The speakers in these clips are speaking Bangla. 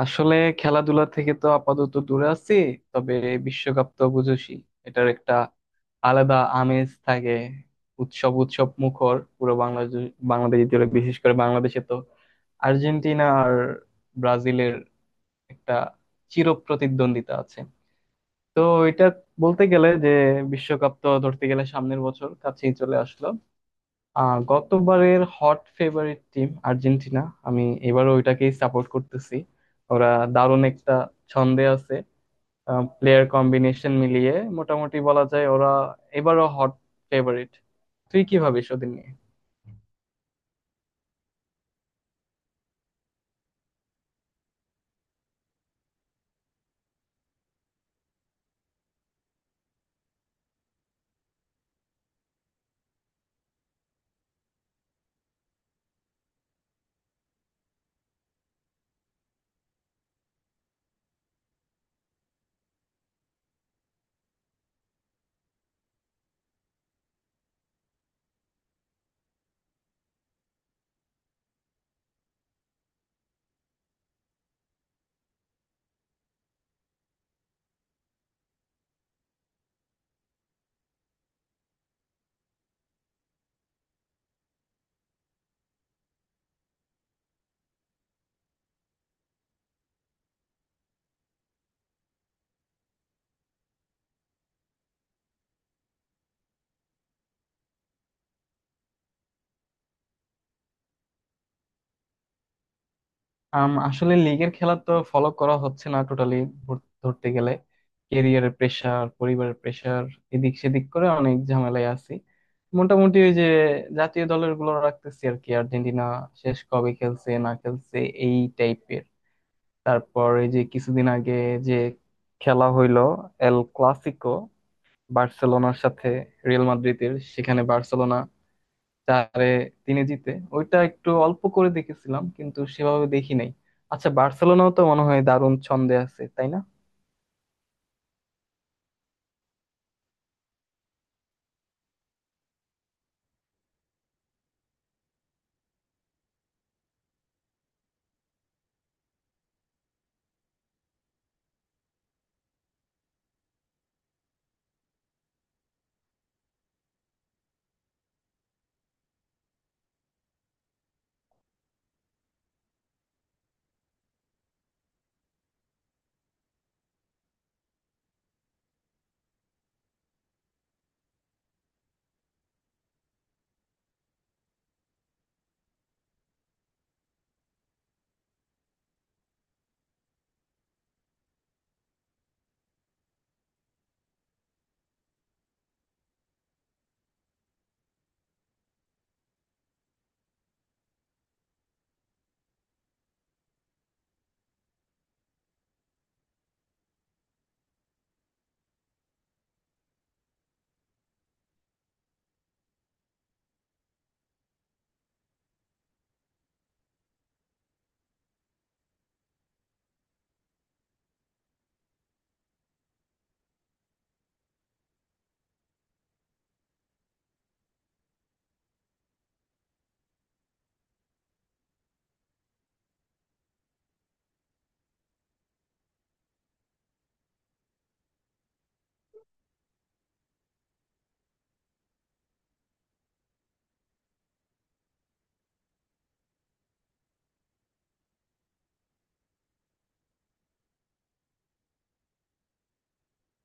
আসলে খেলাধুলা থেকে তো আপাতত দূরে আছি। তবে বিশ্বকাপ তো বুঝোসই, এটার একটা আলাদা আমেজ থাকে। উৎসব উৎসব মুখর পুরো বাংলাদেশ বাংলাদেশ জুড়ে, বিশেষ করে বাংলাদেশে তো আর্জেন্টিনা আর ব্রাজিলের একটা চিরপ্রতিদ্বন্দ্বিতা আছে। তো এটা বলতে গেলে যে বিশ্বকাপ তো ধরতে গেলে সামনের বছর কাছেই চলে আসলো। গতবারের হট ফেভারিট টিম আর্জেন্টিনা, আমি এবারও ওইটাকেই সাপোর্ট করতেছি। ওরা দারুণ একটা ছন্দে আছে, প্লেয়ার কম্বিনেশন মিলিয়ে মোটামুটি বলা যায় ওরা এবারও হট ফেভারিট। তুই কি ভাবিস ওদের নিয়ে? আসলে লিগের খেলা তো ফলো করা হচ্ছে না টোটালি, ধরতে গেলে। ক্যারিয়ারের প্রেসার, পরিবারের প্রেসার, এদিক সেদিক করে অনেক ঝামেলায় আছি। মোটামুটি ওই যে জাতীয় দলের গুলো রাখতেছি আর কি, আর্জেন্টিনা শেষ কবে খেলছে না খেলছে এই টাইপের। তারপর এই যে কিছুদিন আগে যে খেলা হইলো এল ক্লাসিকো, বার্সেলোনার সাথে রিয়াল মাদ্রিদের, সেখানে বার্সেলোনা 4-3 জিতে, ওইটা একটু অল্প করে দেখেছিলাম কিন্তু সেভাবে দেখি নাই। আচ্ছা, বার্সেলোনাও তো মনে হয় দারুণ ছন্দে আছে, তাই না?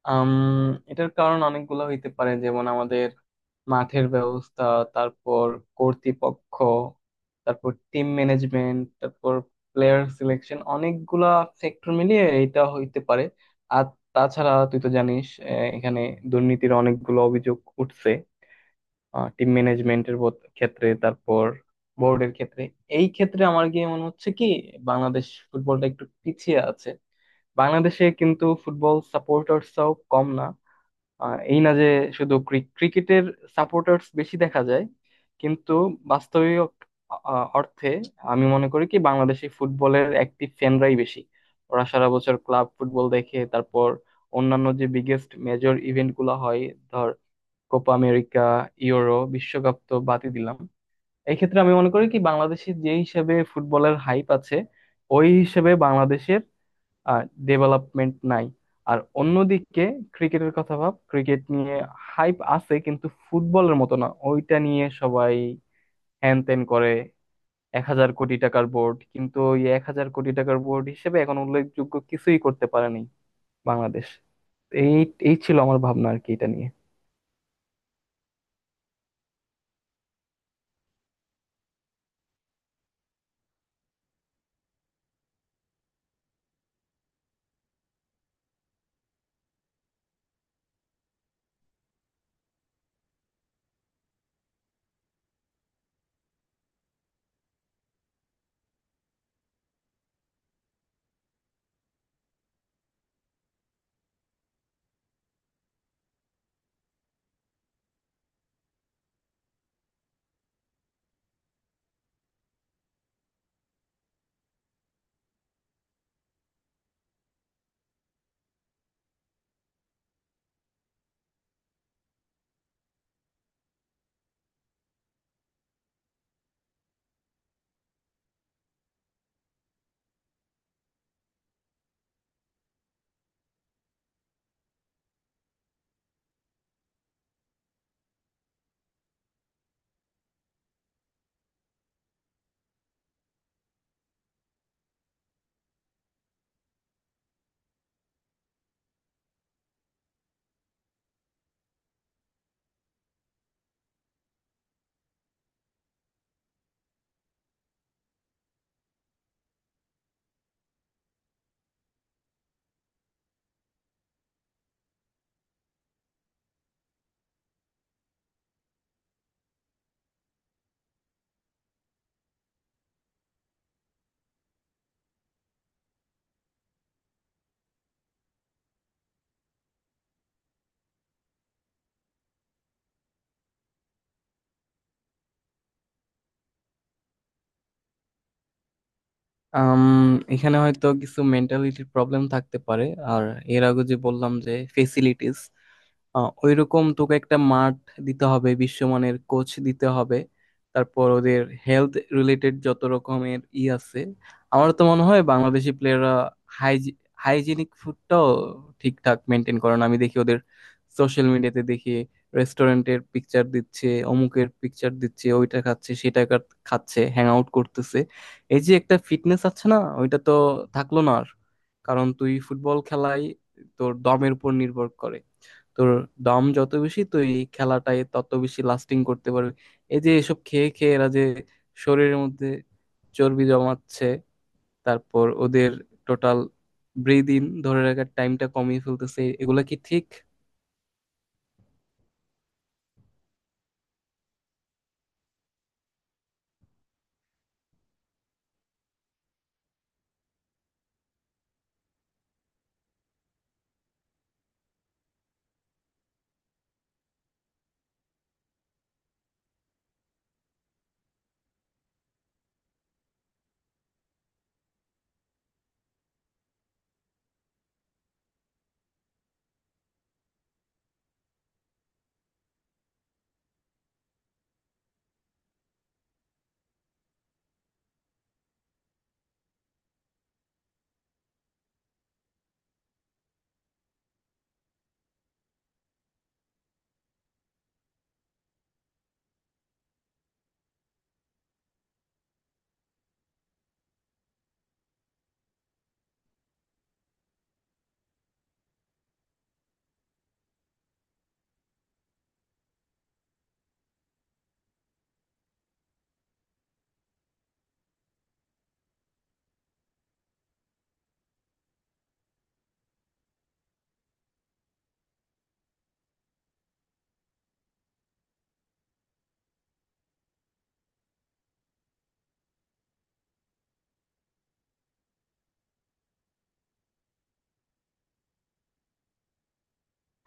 আম, এটার কারণ অনেকগুলো হইতে পারে, যেমন আমাদের মাঠের ব্যবস্থা, তারপর কর্তৃপক্ষ, তারপর টিম ম্যানেজমেন্ট, তারপর প্লেয়ার সিলেকশন, অনেকগুলা ফ্যাক্টর মিলিয়ে এটা হইতে পারে। আর তাছাড়া তুই তো জানিস এখানে দুর্নীতির অনেকগুলো অভিযোগ উঠছে, টিম ম্যানেজমেন্টের ক্ষেত্রে, তারপর বোর্ডের ক্ষেত্রে। এই ক্ষেত্রে আমার গিয়ে মনে হচ্ছে কি বাংলাদেশ ফুটবলটা একটু পিছিয়ে আছে। বাংলাদেশে কিন্তু ফুটবল সাপোর্টার্সরাও কম না। এই না যে শুধু ক্রিকেটের সাপোর্টার্স বেশি দেখা যায়, কিন্তু বাস্তবিক অর্থে আমি মনে করি কি বাংলাদেশি ফুটবলের অ্যাক্টিভ ফ্যানরাই বেশি। ওরা সারা বছর ক্লাব ফুটবল দেখে, তারপর অন্যান্য যে বিগেস্ট মেজর ইভেন্ট গুলো হয়, ধর কোপা আমেরিকা, ইউরো, বিশ্বকাপ তো বাদই দিলাম। এই ক্ষেত্রে আমি মনে করি কি বাংলাদেশে যে হিসেবে ফুটবলের হাইপ আছে, ওই হিসেবে বাংলাদেশের ডেভেলপমেন্ট নাই। আর অন্যদিকে ক্রিকেটের কথা ভাব, ক্রিকেট নিয়ে হাইপ আছে কিন্তু ফুটবলের মতো না, ওইটা নিয়ে সবাই হ্যান ত্যান করে। 1000 কোটি টাকার বোর্ড, কিন্তু ওই 1000 কোটি টাকার বোর্ড হিসেবে এখন উল্লেখযোগ্য কিছুই করতে পারেনি বাংলাদেশ। এই এই ছিল আমার ভাবনা আর কি এটা নিয়ে। আম, এখানে হয়তো কিছু মেন্টালিটির প্রবলেম থাকতে পারে। আর এর আগে যে বললাম যে ফেসিলিটিস, ওইরকম তোকে একটা মাঠ দিতে হবে, বিশ্বমানের কোচ দিতে হবে, তারপর ওদের হেলথ রিলেটেড যত রকমের ই আছে। আমার তো মনে হয় বাংলাদেশি প্লেয়াররা হাইজিনিক ফুডটাও ঠিকঠাক মেনটেন করে না। আমি দেখি ওদের, সোশ্যাল মিডিয়াতে দেখি রেস্টুরেন্টের পিকচার দিচ্ছে, অমুকের পিকচার দিচ্ছে, ওইটা খাচ্ছে, সেটা খাচ্ছে, হ্যাং আউট করতেছে। এই যে একটা ফিটনেস আছে না, ওইটা তো থাকলো না আর। কারণ তুই ফুটবল খেলাই তোর দমের উপর নির্ভর করে। তোর দম যত বেশি, তুই এই খেলাটায় তত বেশি লাস্টিং করতে পারবি। এই যে এসব খেয়ে খেয়ে এরা যে শরীরের মধ্যে চর্বি জমাচ্ছে, তারপর ওদের টোটাল ব্রিদিন ধরে রাখার টাইমটা কমিয়ে ফেলতেছে, এগুলা কি ঠিক?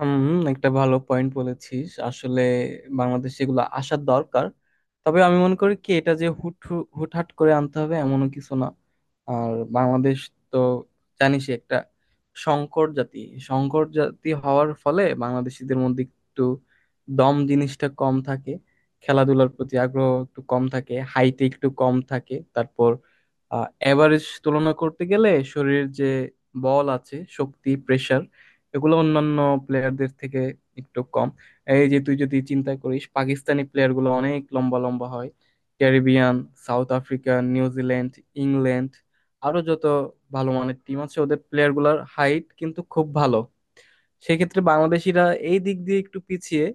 হুম, একটা ভালো পয়েন্ট বলেছিস আসলে। বাংলাদেশে এগুলো আসার দরকার, তবে আমি মনে করি কি এটা যে হুট হুটহাট করে আনতে হবে এমনও কিছু না। আর বাংলাদেশ তো জানিসই একটা সংকট জাতি। সংকট জাতি হওয়ার ফলে বাংলাদেশিদের মধ্যে একটু দম জিনিসটা কম থাকে, খেলাধুলার প্রতি আগ্রহ একটু কম থাকে, হাইটে একটু কম থাকে, তারপর এভারেজ তুলনা করতে গেলে শরীরের যে বল আছে, শক্তি, প্রেশার, এগুলো অন্যান্য প্লেয়ারদের থেকে একটু কম। এই যে তুই যদি চিন্তা করিস, পাকিস্তানি প্লেয়ারগুলো অনেক লম্বা লম্বা হয়, Caribbean, South Africa, New Zealand, England, আরো যত ভালো মানের টিম আছে ওদের প্লেয়ারগুলোর হাইট কিন্তু খুব ভালো। সেক্ষেত্রে বাংলাদেশিরা এই দিক দিয়ে একটু পিছিয়ে।